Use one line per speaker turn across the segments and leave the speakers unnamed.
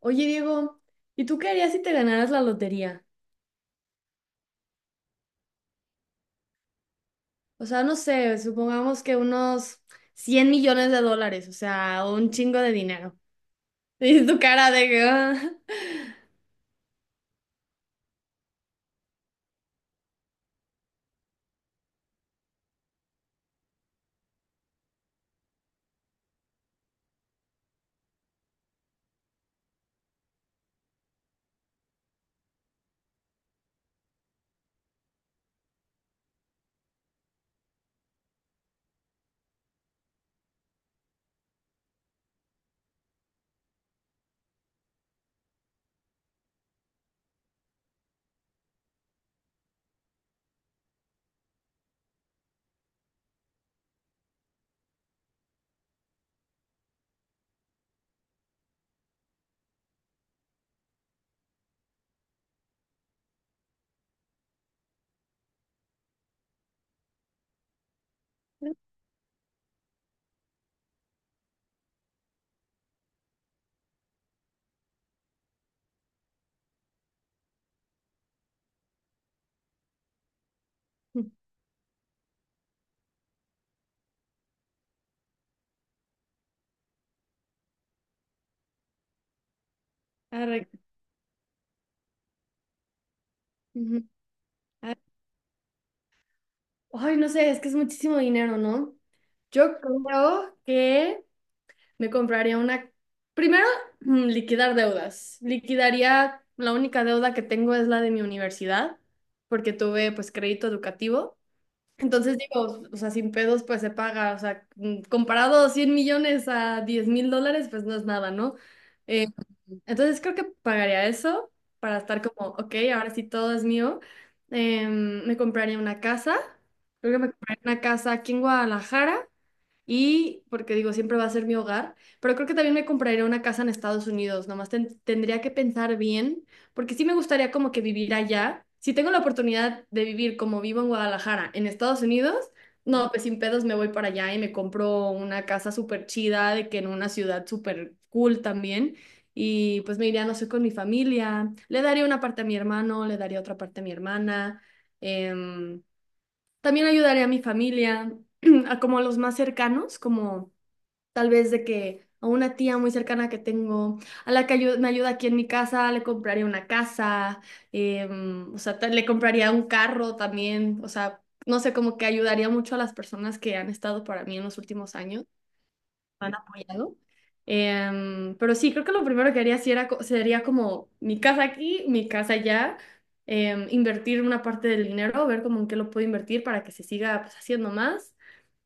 Oye, Diego, ¿y tú qué harías si te ganaras la lotería? O sea, no sé, supongamos que unos 100 millones de dólares, o sea, un chingo de dinero. Y tu cara de que... "Ah". Arre, ujú, ar- ay, no sé, es que es muchísimo dinero, ¿no? Yo creo que me compraría una... Primero, liquidar deudas. Liquidaría, la única deuda que tengo es la de mi universidad, porque tuve pues crédito educativo. Entonces digo, o sea, sin pedos pues se paga, o sea, comparado a 100 millones a 10 mil dólares pues no es nada, ¿no? Eh, entonces creo que pagaría eso para estar como, ok, ahora sí todo es mío. Me compraría una casa, creo que me compraría una casa aquí en Guadalajara y porque digo, siempre va a ser mi hogar, pero creo que también me compraría una casa en Estados Unidos, nomás tendría que pensar bien, porque sí me gustaría como que vivir allá. Si tengo la oportunidad de vivir como vivo en Guadalajara, en Estados Unidos, no, pues sin pedos me voy para allá y me compro una casa súper chida, de que en una ciudad súper cool también. Y pues me iría, no sé, con mi familia, le daría una parte a mi hermano, le daría otra parte a mi hermana. em, también ayudaré a mi familia, a como a los más cercanos, como tal vez de que a una tía muy cercana que tengo, a la que me ayuda aquí en mi casa, le compraría una casa, o sea, le compraría un carro también, o sea, no sé, como que ayudaría mucho a las personas que han estado para mí en los últimos años han apoyado. Pero sí, creo que lo primero que haría sí era, sería como mi casa aquí, mi casa allá, invertir una parte del dinero, ver cómo en qué lo puedo invertir para que se siga pues, haciendo más.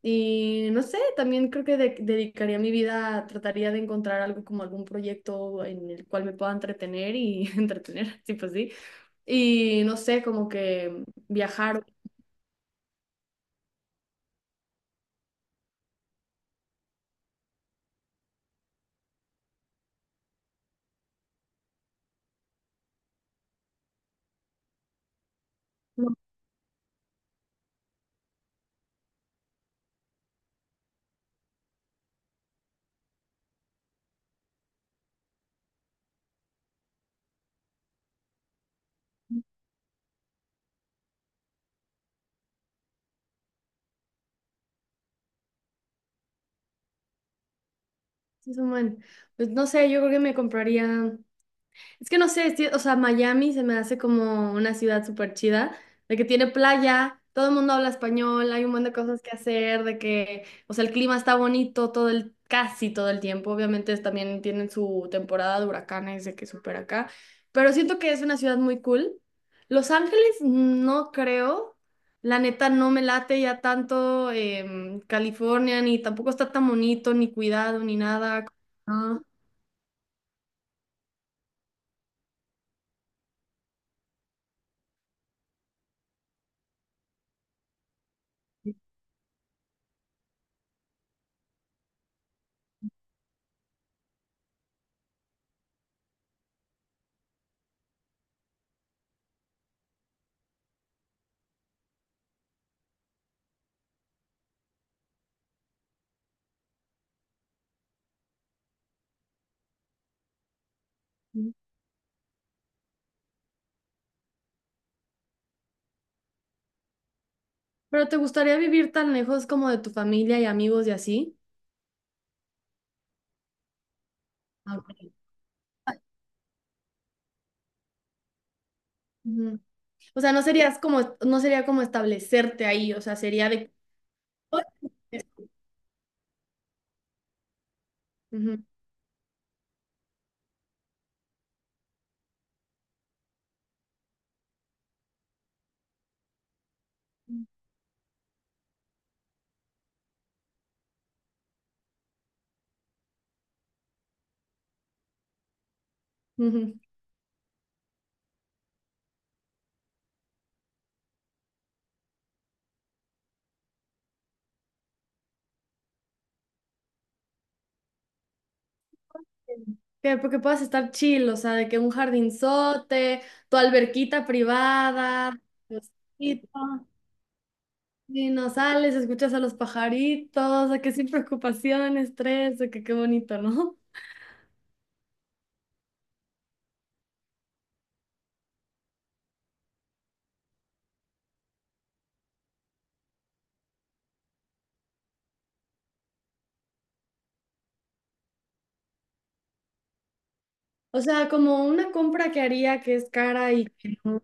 Y no sé, también creo que dedicaría mi vida, trataría de encontrar algo como algún proyecto en el cual me pueda entretener y entretener, sí, pues sí. Y no sé, como que viajar. No, sí, son. Pues no sé, yo creo que me compraría. Es que no sé, sí, o sea, Miami se me hace como una ciudad súper chida, de que tiene playa, todo el mundo habla español, hay un montón de cosas que hacer, de que, o sea, el clima está bonito todo el, casi todo el tiempo. Obviamente también tienen su temporada de huracanes, de que súper acá, pero siento que es una ciudad muy cool. Los Ángeles no creo, la neta no me late ya tanto California, ni tampoco está tan bonito, ni cuidado, ni nada. ¿No? Pero ¿te gustaría vivir tan lejos como de tu familia y amigos y así? Ah, ok. Ujú. O sea, no serías como, no sería como establecerte ahí, o sea, sería de... Ujú. Ujú. Que porque puedas estar chill, o sea, de que un jardinzote, tu alberquita privada, tu osito, y no sales, escuchas a los pajaritos, de que sin preocupación, estrés, de que qué bonito, ¿no? O sea, como una compra que haría que es cara y que no.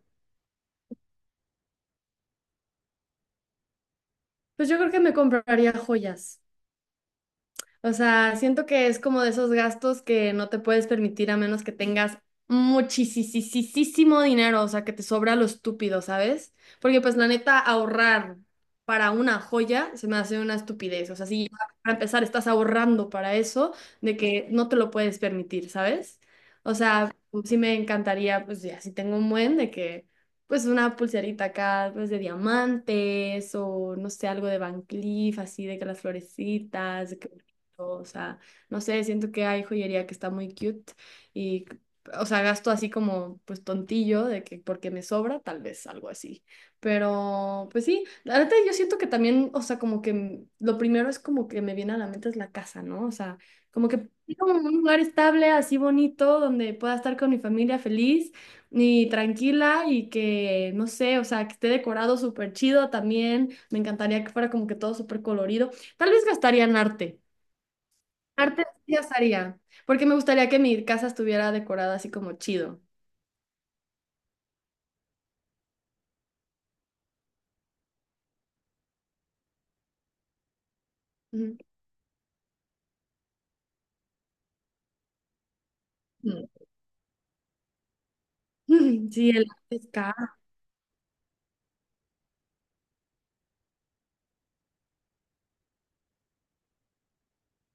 Pues yo creo que me compraría joyas. O sea, siento que es como de esos gastos que no te puedes permitir a menos que tengas muchísimo dinero, o sea, que te sobra lo estúpido, ¿sabes? Porque pues la neta, ahorrar para una joya se me hace una estupidez. O sea, si ya para empezar estás ahorrando para eso, de que no te lo puedes permitir, ¿sabes? O sea, sí me encantaría, pues ya, si tengo un buen de que, pues una pulserita acá, pues de diamantes o no sé, algo de Van Cleef, así de que las florecitas. O sea, no sé, siento que hay joyería que está muy cute y, o sea, gasto así como, pues tontillo, de que porque me sobra, tal vez algo así. Pero, pues sí, la verdad yo siento que también, o sea, como que lo primero es como que me viene a la mente es la casa, ¿no? O sea, como que sí, como un lugar estable, así bonito, donde pueda estar con mi familia feliz y tranquila y que, no sé, o sea, que esté decorado súper chido también. Me encantaría que fuera como que todo súper colorido. Tal vez gastaría en arte. Artes sí haría, porque me gustaría que mi casa estuviera decorada así como chido. Ujú. Mm. Sí, el arte es caro.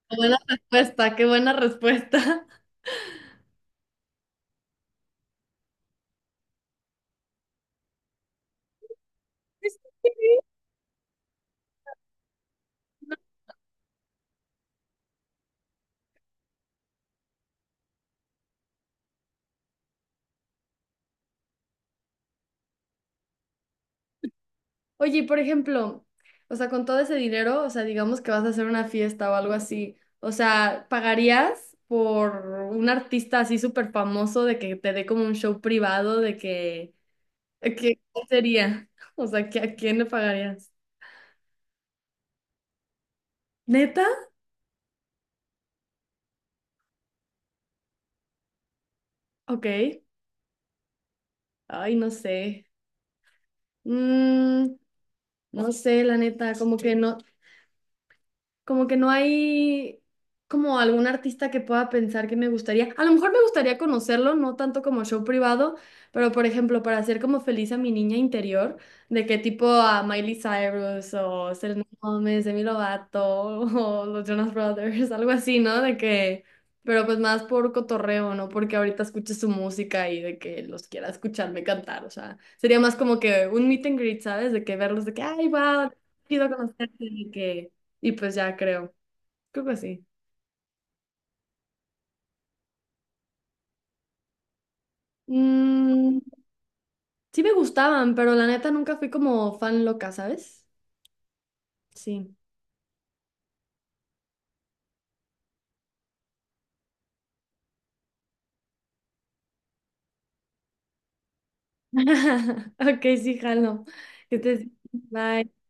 Qué buena respuesta, qué buena respuesta. Oye, y por ejemplo, o sea, con todo ese dinero, o sea, digamos que vas a hacer una fiesta o algo así, o sea, ¿pagarías por un artista así súper famoso de que te dé como un show privado de que, ¿qué sería? O sea, ¿que a quién le pagarías? ¿Neta? Ok. Ay, no sé. Mm, No sé, la neta, como que no hay como algún artista que pueda pensar que me gustaría. A lo mejor me gustaría conocerlo, no tanto como show privado, pero por ejemplo, para hacer como feliz a mi niña interior, de que tipo a Miley Cyrus o Selena Gómez, Demi Lovato o los Jonas Brothers, algo así, ¿no? De que, pero pues más por cotorreo, ¿no? Porque ahorita escuche su música y de que los quiera escucharme cantar, o sea, sería más como que un meet and greet, ¿sabes? De que verlos, de que, ay, wow, chido conocerte, de que y pues ya creo, creo que sí. Mm, sí me gustaban, pero la neta nunca fui como fan loca, ¿sabes? Sí. Ok, sí, jalo. Que estés- bye.